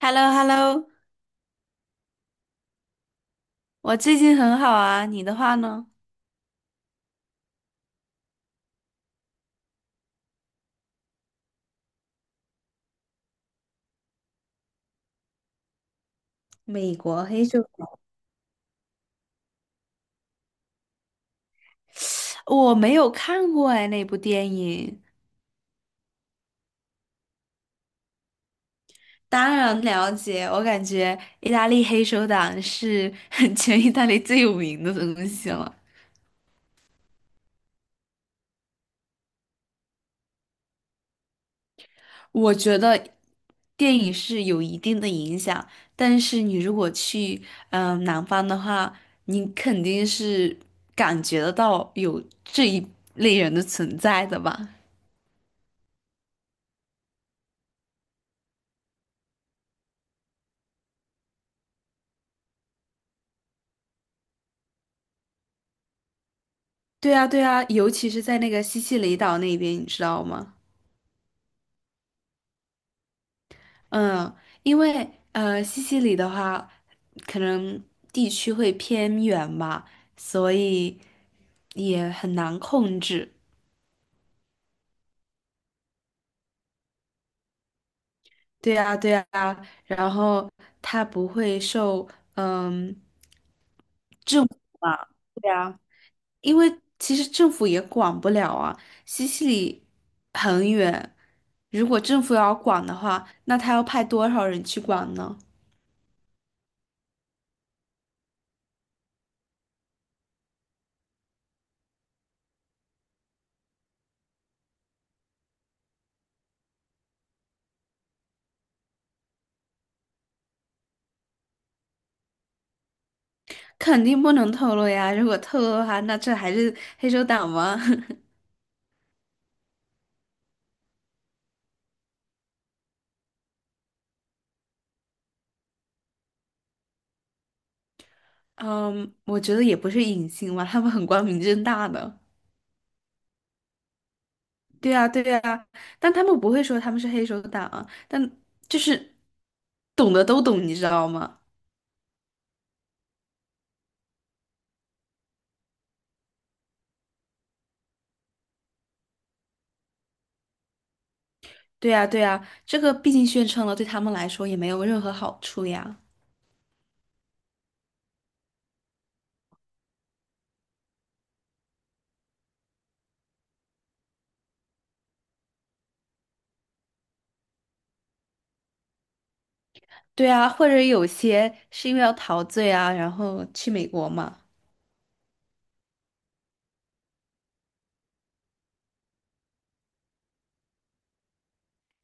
h e l l o h e l l o 我最近很好啊，你的话呢？美国黑手党。我没有看过哎，那部电影。当然了解，我感觉意大利黑手党是 全意大利最有名的东西了。我觉得电影是有一定的影响，但是你如果去南方的话，你肯定是感觉得到有这一类人的存在的吧。对啊，对啊，尤其是在那个西西里岛那边，你知道吗？嗯，因为西西里的话，可能地区会偏远嘛，所以也很难控制。对啊，对啊，然后它不会受嗯政府啊，对啊，因为其实政府也管不了啊。西西里很远，如果政府要管的话，那他要派多少人去管呢？肯定不能透露呀！如果透露的话，那这还是黑手党吗？嗯，我觉得也不是隐性嘛，他们很光明正大的。对啊，对啊，但他们不会说他们是黑手党啊，但就是懂的都懂，你知道吗？对啊，对啊，这个毕竟宣称了，对他们来说也没有任何好处呀。对啊，或者有些是因为要逃罪啊，然后去美国嘛。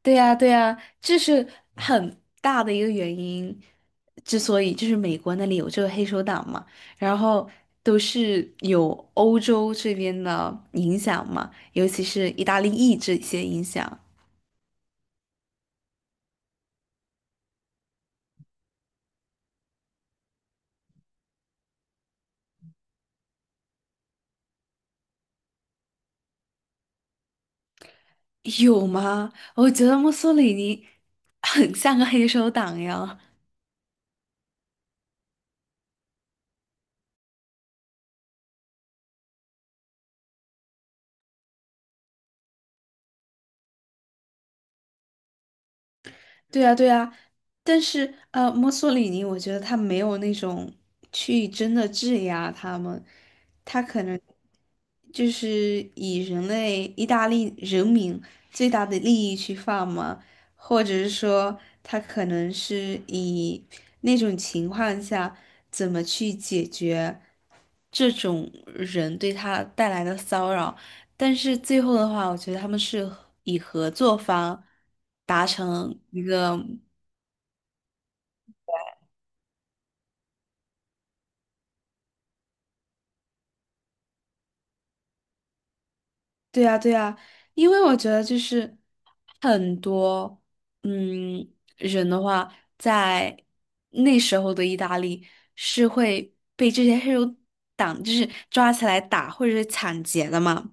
对呀，对呀，这是很大的一个原因，之所以就是美国那里有这个黑手党嘛，然后都是有欧洲这边的影响嘛，尤其是意大利裔这些影响。有吗？我觉得墨索里尼很像个黑手党呀。对呀，对呀，但是墨索里尼我觉得他没有那种去真的质押他们，他可能就是以人类意大利人民最大的利益去放嘛，或者是说他可能是以那种情况下怎么去解决这种人对他带来的骚扰，但是最后的话，我觉得他们是和以合作方达成一个。对呀，对呀，因为我觉得就是很多嗯人的话，在那时候的意大利是会被这些黑手党就是抓起来打或者是抢劫的嘛。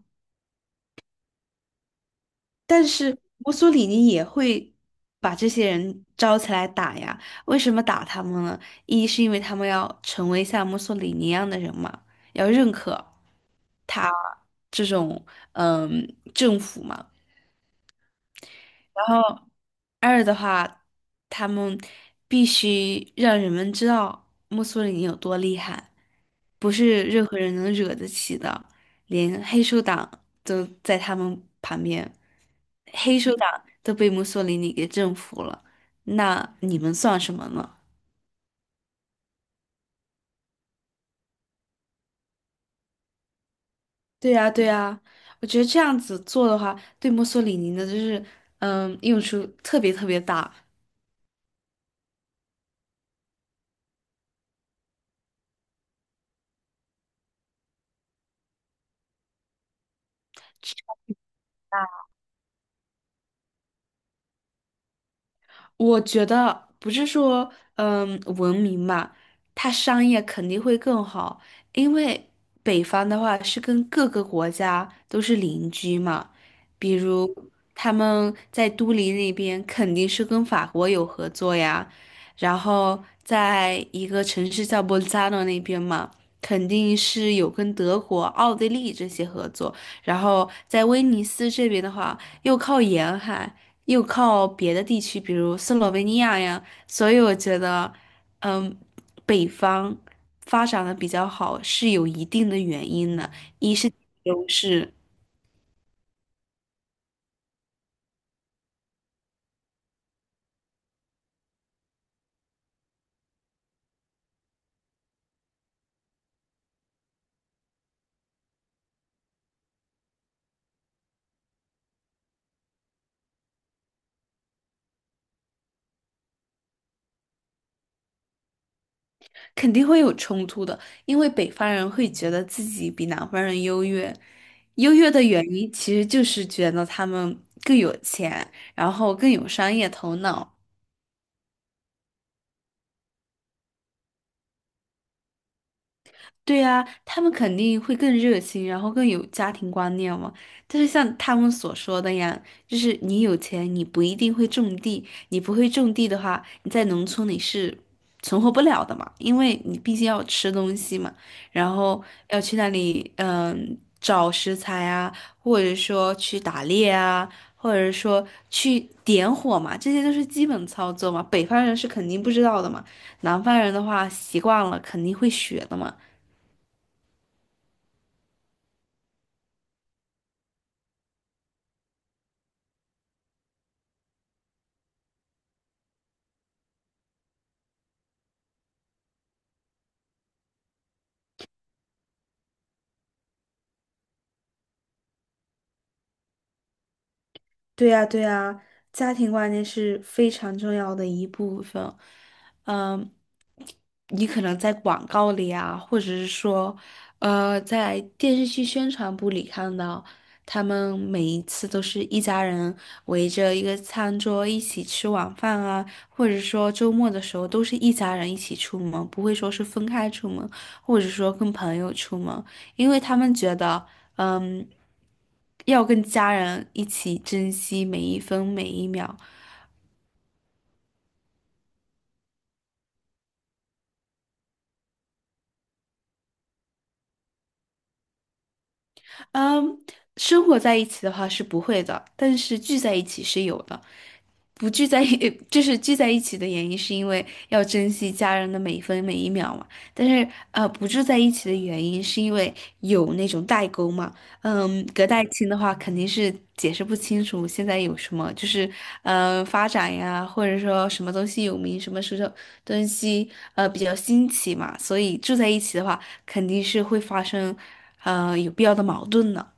但是墨索里尼也会把这些人招起来打呀。为什么打他们呢？一是因为他们要成为像墨索里尼一样的人嘛，要认可他这种嗯政府嘛。然后二的话，他们必须让人们知道墨索里尼有多厉害，不是任何人能惹得起的，连黑手党都在他们旁边，黑手党都被墨索里尼给征服了，那你们算什么呢？对呀，对呀，我觉得这样子做的话，对墨索里尼的就是，嗯，用处特别特别大。我觉得不是说，嗯，文明嘛，它商业肯定会更好，因为北方的话是跟各个国家都是邻居嘛，比如他们在都灵那边肯定是跟法国有合作呀，然后在一个城市叫博扎诺那边嘛，肯定是有跟德国、奥地利这些合作，然后在威尼斯这边的话，又靠沿海。又靠别的地区，比如斯洛文尼亚呀，所以我觉得，嗯，北方发展的比较好是有一定的原因的，一是优势。肯定会有冲突的，因为北方人会觉得自己比南方人优越，优越的原因其实就是觉得他们更有钱，然后更有商业头脑。对呀，他们肯定会更热心，然后更有家庭观念嘛。但是像他们所说的呀，就是你有钱，你不一定会种地，你不会种地的话，你在农村你是存活不了的嘛，因为你毕竟要吃东西嘛，然后要去那里找食材啊，或者说去打猎啊，或者说去点火嘛，这些都是基本操作嘛，北方人是肯定不知道的嘛，南方人的话习惯了肯定会学的嘛。对呀，对呀，家庭观念是非常重要的一部分。嗯，你可能在广告里啊，或者是说，在电视剧宣传部里看到，他们每一次都是一家人围着一个餐桌一起吃晚饭啊，或者说周末的时候都是一家人一起出门，不会说是分开出门，或者说跟朋友出门。因为他们觉得，嗯，要跟家人一起珍惜每一分每一秒。嗯，生活在一起的话是不会的，但是聚在一起是有的。不聚在一，就是聚在一起的原因，是因为要珍惜家人的每一分每一秒嘛。但是，不住在一起的原因，是因为有那种代沟嘛。嗯，隔代亲的话，肯定是解释不清楚现在有什么，就是发展呀，或者说什么东西有名，什么时候东西比较新奇嘛。所以住在一起的话，肯定是会发生有必要的矛盾的。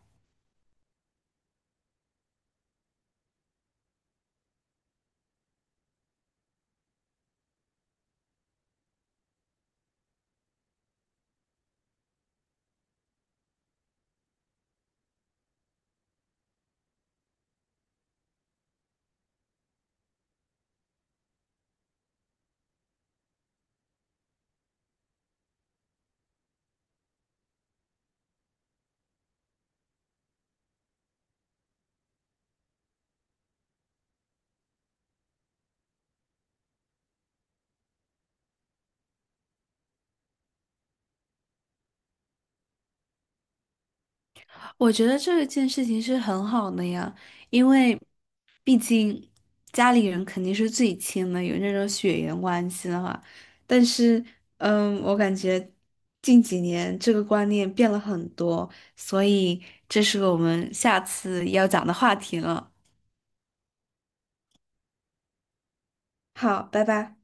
我觉得这件事情是很好的呀，因为毕竟家里人肯定是最亲的，有那种血缘关系的话。但是，嗯，我感觉近几年这个观念变了很多，所以这是我们下次要讲的话题了。好，拜拜。